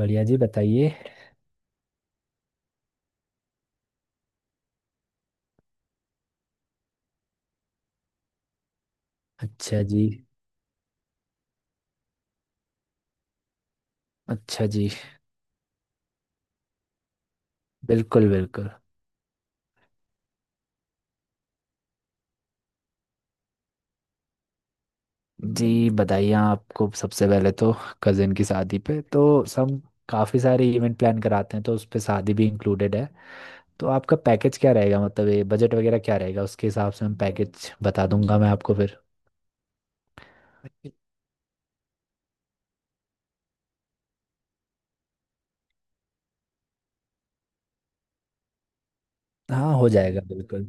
बढ़िया जी। बताइए। अच्छा जी। अच्छा जी। बिल्कुल बिल्कुल। जी बताइए। आपको सबसे पहले तो कज़न की शादी पे तो हम काफ़ी सारे इवेंट प्लान कराते हैं, तो उस पे शादी भी इंक्लूडेड है। तो आपका पैकेज क्या रहेगा, मतलब ये बजट वगैरह क्या रहेगा? उसके हिसाब से हम पैकेज बता दूंगा मैं आपको फिर। हाँ, हो जाएगा बिल्कुल।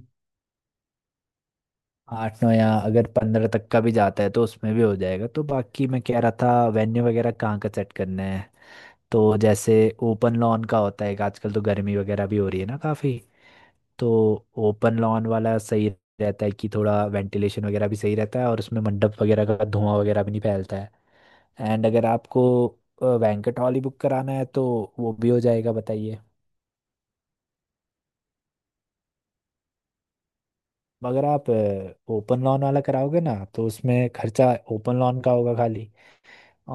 आठ नौ या अगर 15 तक का भी जाता है तो उसमें भी हो जाएगा। तो बाकी मैं कह रहा था, वेन्यू वगैरह कहाँ का सेट करना है। तो जैसे ओपन लॉन का होता है, आजकल तो गर्मी वगैरह भी हो रही है ना काफ़ी, तो ओपन लॉन वाला सही रहता है कि थोड़ा वेंटिलेशन वगैरह भी सही रहता है, और उसमें मंडप वगैरह का धुआं वगैरह भी नहीं फैलता है। एंड अगर आपको बैंकेट हॉल ही बुक कराना है तो वो भी हो जाएगा, बताइए। मगर आप ओपन लॉन वाला कराओगे ना तो उसमें खर्चा ओपन लॉन का होगा खाली,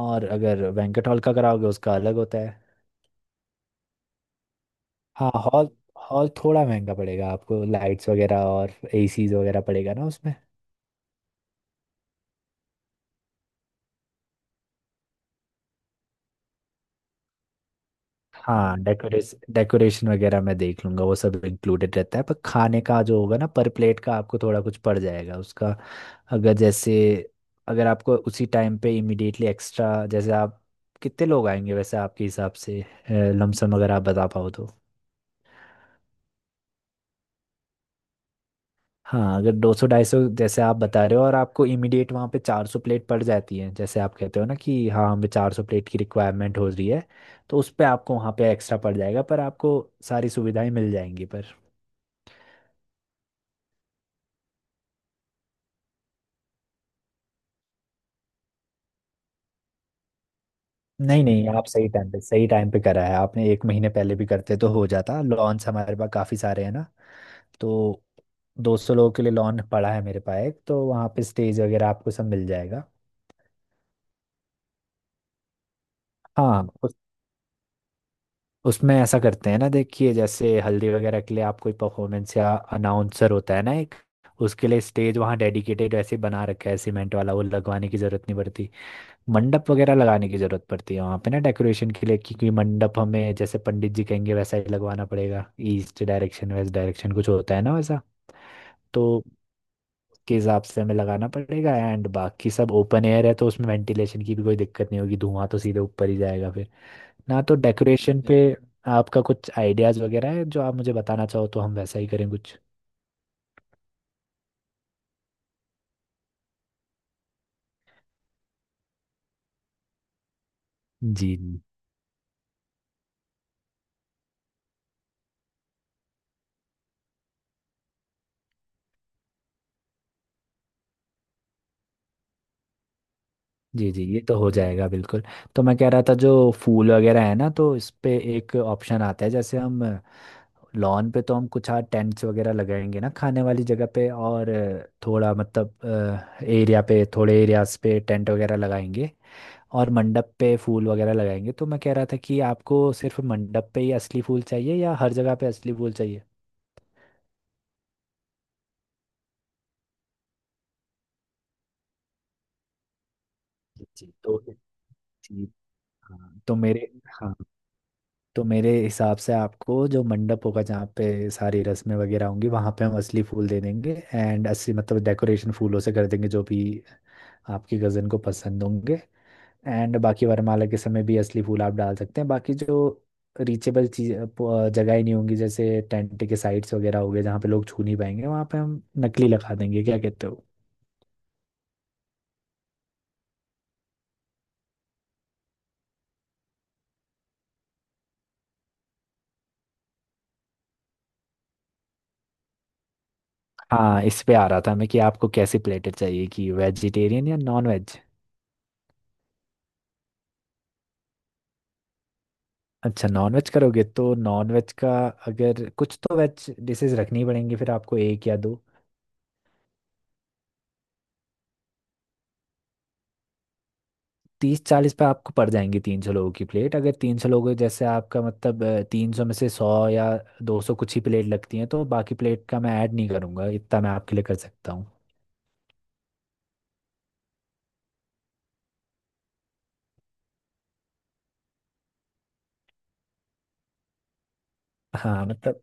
और अगर बैंकेट हॉल का कराओगे उसका अलग होता है। हाँ, हॉल, हॉल थोड़ा महंगा पड़ेगा आपको, लाइट्स वगैरह और एसीज वगैरह पड़ेगा ना उसमें। हाँ, डेकोरेस डेकोरेशन वगैरह मैं देख लूंगा, वो सब इंक्लूडेड रहता है, पर खाने का जो होगा ना पर प्लेट का आपको थोड़ा कुछ पड़ जाएगा उसका। अगर जैसे, अगर आपको उसी टाइम पे इमिडिएटली एक्स्ट्रा, जैसे आप कितने लोग आएंगे वैसे आपके हिसाब से लमसम अगर आप बता पाओ तो। हाँ, अगर 200 250 जैसे आप बता रहे हो और आपको इमीडिएट वहाँ पे 400 प्लेट पड़ जाती है, जैसे आप कहते हो ना कि हाँ हमें 400 प्लेट की रिक्वायरमेंट हो रही है, तो उस पे आपको वहाँ पे एक्स्ट्रा पड़ जाएगा, पर आपको सारी सुविधाएं मिल जाएंगी पर। नहीं नहीं, आप सही टाइम पे करा है आपने, 1 महीने पहले भी करते तो हो जाता, लॉन्स हमारे पास काफ़ी सारे हैं ना। तो 200 लोगों के लिए लॉन पड़ा है मेरे पास एक, तो वहाँ पे स्टेज वगैरह आपको सब मिल जाएगा। हाँ, उसमें ऐसा करते हैं ना, देखिए, जैसे हल्दी वगैरह के लिए आप कोई परफॉर्मेंस या अनाउंसर होता है ना एक, उसके लिए स्टेज वहाँ डेडिकेटेड वैसे बना रखा है, सीमेंट वाला, वो लगवाने की ज़रूरत नहीं पड़ती। मंडप वगैरह लगाने की जरूरत पड़ती है वहां पे ना डेकोरेशन के लिए, क्योंकि मंडप हमें जैसे पंडित जी कहेंगे वैसा ही लगवाना पड़ेगा। ईस्ट डायरेक्शन वेस्ट डायरेक्शन कुछ होता है ना, वैसा तो के हिसाब से हमें लगाना पड़ेगा। एंड बाकी सब ओपन एयर है तो उसमें वेंटिलेशन की भी कोई दिक्कत नहीं होगी, धुआं तो सीधे ऊपर ही जाएगा फिर ना। तो डेकोरेशन जी पे आपका कुछ आइडियाज वगैरह है जो आप मुझे बताना चाहो तो हम वैसा ही करें कुछ। जी जी। जी जी, ये तो हो जाएगा बिल्कुल। तो मैं कह रहा था जो फूल वगैरह है ना, तो इस पे एक ऑप्शन आता है, जैसे हम लॉन पे तो हम कुछ हाँ टेंट्स वगैरह लगाएंगे ना खाने वाली जगह पे, और थोड़ा मतलब एरिया पे थोड़े एरियाज पे टेंट वगैरह लगाएंगे, और मंडप पे फूल वगैरह लगाएंगे। तो मैं कह रहा था कि आपको सिर्फ मंडप पे ही असली फूल चाहिए या हर जगह पे असली फूल चाहिए? जी। तो ठीक। हाँ तो मेरे हाँ तो मेरे हिसाब से आपको जो मंडप होगा जहाँ पे सारी रस्में वगैरह होंगी वहाँ पे हम असली फूल दे देंगे, एंड असली मतलब डेकोरेशन फूलों से कर देंगे जो भी आपकी कज़न को पसंद होंगे। एंड बाकी वरमाला के समय भी असली फूल आप डाल सकते हैं, बाकी जो रीचेबल चीज जगह ही नहीं होंगी, जैसे टेंट के साइड्स वगैरह हो गए जहाँ पे लोग छू नहीं पाएंगे, वहाँ पे हम नकली लगा देंगे, क्या कहते हो? हाँ, इस पे आ रहा था मैं कि आपको कैसी प्लेटर चाहिए, कि वेजिटेरियन या नॉन वेज? अच्छा, नॉन वेज करोगे तो नॉन वेज का, अगर कुछ तो वेज डिशेज रखनी पड़ेंगी फिर आपको एक या दो। 30-40 पे आपको पड़ जाएंगी 300 लोगों की प्लेट, अगर 300 लोगों जैसे आपका मतलब, 300 में से 100 या 200 कुछ ही प्लेट लगती हैं तो बाकी प्लेट का मैं ऐड नहीं करूंगा, इतना मैं आपके लिए कर सकता हूँ। हाँ मतलब,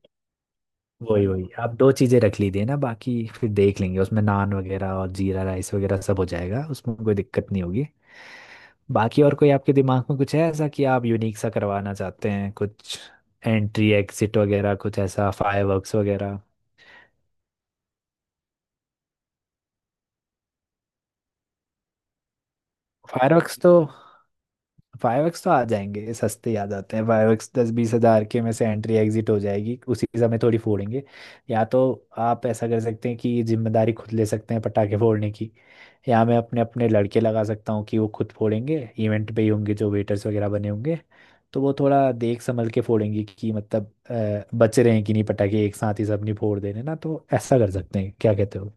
वही वही, आप दो चीज़ें रख लीजिए ना, बाकी फिर देख लेंगे, उसमें नान वगैरह और जीरा राइस वगैरह सब हो जाएगा, उसमें कोई दिक्कत नहीं होगी। बाकी और कोई आपके दिमाग में कुछ है ऐसा कि आप यूनिक सा करवाना चाहते हैं कुछ, एंट्री एग्जिट वगैरह, कुछ ऐसा फायरवर्क्स वगैरह? फायरवर्क्स तो फाइव एक्स तो आ जाएंगे, ये सस्ते ही आ जाते हैं, फाइव एक्स 10-20 हज़ार के में से एंट्री एग्जिट हो जाएगी, उसी समय थोड़ी फोड़ेंगे। या तो आप ऐसा कर सकते हैं कि जिम्मेदारी खुद ले सकते हैं पटाखे फोड़ने की, या मैं अपने अपने लड़के लगा सकता हूँ कि वो खुद फोड़ेंगे, इवेंट पे ही होंगे जो वेटर्स वगैरह बने होंगे, तो वो थोड़ा देख संभल के फोड़ेंगे, कि मतलब बच रहे हैं कि नहीं, पटाखे एक साथ ही सब नहीं फोड़ दे रहे ना, तो ऐसा कर सकते हैं, क्या कहते हो?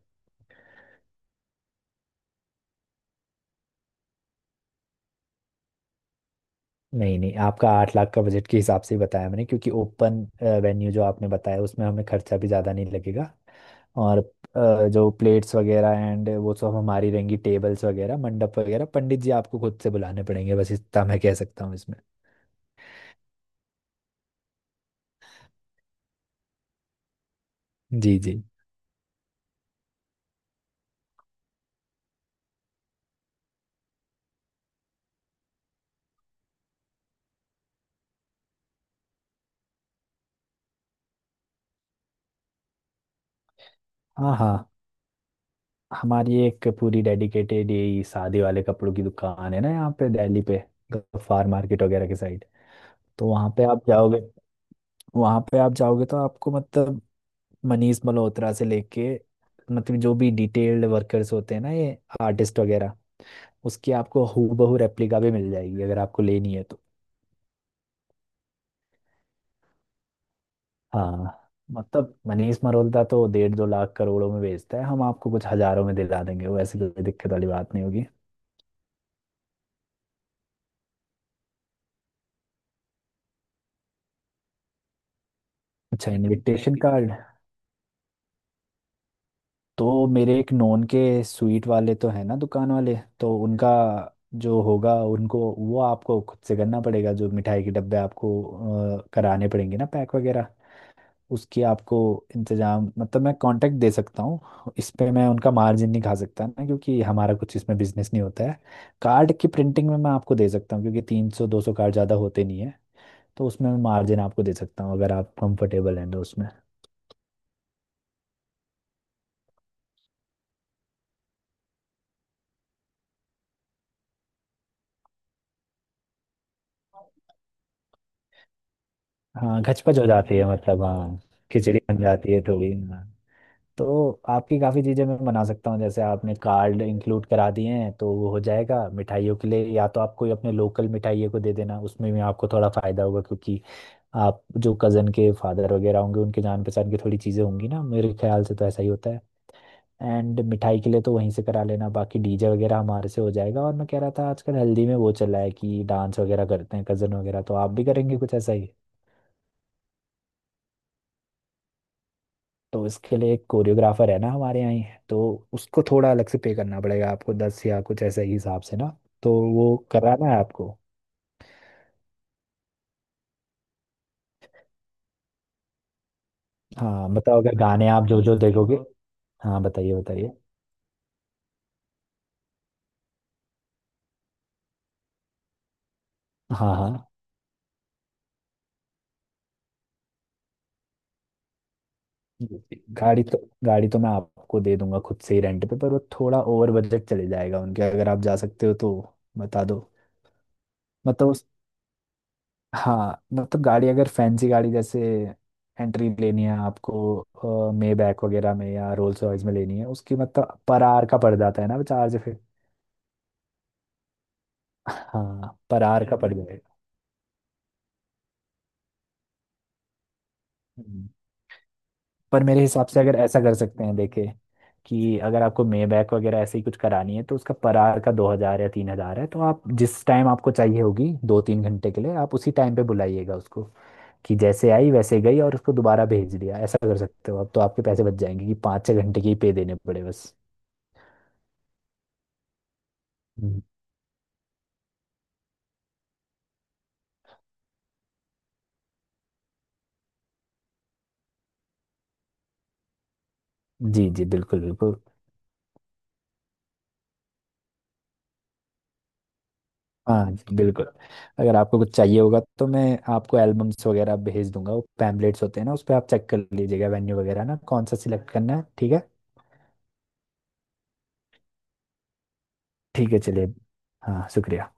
नहीं नहीं, आपका 8 लाख का बजट के हिसाब से ही बताया मैंने, क्योंकि ओपन वेन्यू जो आपने बताया उसमें हमें खर्चा भी ज़्यादा नहीं लगेगा। और जो प्लेट्स वगैरह एंड वो सब हमारी रहेंगी, टेबल्स वगैरह मंडप वगैरह, पंडित जी आपको खुद से बुलाने पड़ेंगे, बस इतना मैं कह सकता हूँ इसमें। जी जी। हाँ हाँ, हमारी एक पूरी डेडिकेटेड यही शादी वाले कपड़ों की दुकान है ना यहाँ पे दिल्ली पे, गफ्फार मार्केट वगैरह के साइड। तो वहाँ पे आप जाओगे तो आपको मतलब मनीष मल्होत्रा से लेके, मतलब जो भी डिटेल्ड वर्कर्स होते हैं ना, ये आर्टिस्ट वगैरह, उसकी आपको हूबहू रेप्लिका भी मिल जाएगी, अगर आपको लेनी है तो। हाँ मतलब, मनीष मल्होत्रा तो 1.5-2 लाख करोड़ों में बेचता है, हम आपको कुछ हजारों में दिला देंगे, वो ऐसी कोई दिक्कत वाली बात नहीं होगी। अच्छा, इनविटेशन कार्ड तो मेरे एक नॉन के स्वीट वाले तो है ना दुकान वाले, तो उनका जो होगा, उनको वो आपको खुद से करना पड़ेगा, जो मिठाई के डब्बे आपको कराने पड़ेंगे ना पैक वगैरह, उसकी आपको इंतजाम, मतलब मैं कांटेक्ट दे सकता हूँ, इस पे मैं उनका मार्जिन नहीं खा सकता ना क्योंकि हमारा कुछ इसमें बिजनेस नहीं होता है। कार्ड की प्रिंटिंग में मैं आपको दे सकता हूँ, क्योंकि 300-200 कार्ड ज़्यादा होते नहीं है, तो उसमें मैं मार्जिन आपको दे सकता हूँ अगर आप कंफर्टेबल हैं तो उसमें। हाँ, घचपच हो जाती है, मतलब, हाँ। खिचड़ी बन जाती है थोड़ी, हाँ। तो आपकी काफ़ी चीज़ें मैं बना सकता हूँ, जैसे आपने कार्ड इंक्लूड करा दिए हैं तो वो हो जाएगा, मिठाइयों के लिए या तो आप कोई अपने लोकल मिठाइयों को दे देना, उसमें भी आपको थोड़ा फ़ायदा होगा, क्योंकि आप जो कज़न के फादर वगैरह होंगे उनके जान पहचान की थोड़ी चीज़ें होंगी ना, मेरे ख्याल से तो ऐसा ही होता है। एंड मिठाई के लिए तो वहीं से करा लेना, बाकी डीजे वगैरह हमारे से हो जाएगा, और मैं कह रहा था आजकल हल्दी में वो चला है कि डांस वगैरह करते हैं कज़न वगैरह, तो आप भी करेंगे कुछ ऐसा ही? तो इसके लिए एक कोरियोग्राफर है ना हमारे यहाँ ही, तो उसको थोड़ा अलग से पे करना पड़ेगा आपको, 10 या कुछ ऐसा ही हिसाब से ना, तो वो कराना है आपको? हाँ बताओ, अगर गाने आप जो जो देखोगे। हाँ बताइए बताइए। हाँ हाँ। जी। गाड़ी तो मैं आपको दे दूंगा खुद से ही रेंट पे, पर वो थोड़ा ओवर बजट चले जाएगा उनके, अगर आप जा सकते हो तो बता दो। मतलब उस हाँ मतलब गाड़ी, अगर फैंसी गाड़ी जैसे एंट्री लेनी है आपको मे बैक वगैरह में या रोल्स रॉयस में लेनी है उसकी, मतलब पर आर का पड़ जाता है ना वो चार्ज फिर। हाँ, पर आर का पड़ जाएगा। हम्म। पर मेरे हिसाब से अगर ऐसा कर सकते हैं, देखे, कि अगर आपको मे बैक वगैरह ऐसे ही कुछ करानी है तो उसका पर आवर का 2 हज़ार या 3 हज़ार है, तो आप जिस टाइम आपको चाहिए होगी 2-3 घंटे के लिए, आप उसी टाइम पे बुलाइएगा उसको, कि जैसे आई वैसे गई और उसको दोबारा भेज दिया, ऐसा कर सकते हो आप तो आपके पैसे बच जाएंगे, कि 5-6 घंटे के ही पे देने पड़े बस। हम्म। जी जी बिल्कुल बिल्कुल। हाँ जी बिल्कुल, अगर आपको कुछ चाहिए होगा तो मैं आपको एल्बम्स वगैरह भेज दूंगा, वो पैम्पलेट्स होते हैं ना उस पर आप चेक कर लीजिएगा, वेन्यू वगैरह ना कौन सा सिलेक्ट करना है, ठीक है? ठीक है, चलिए। हाँ, शुक्रिया।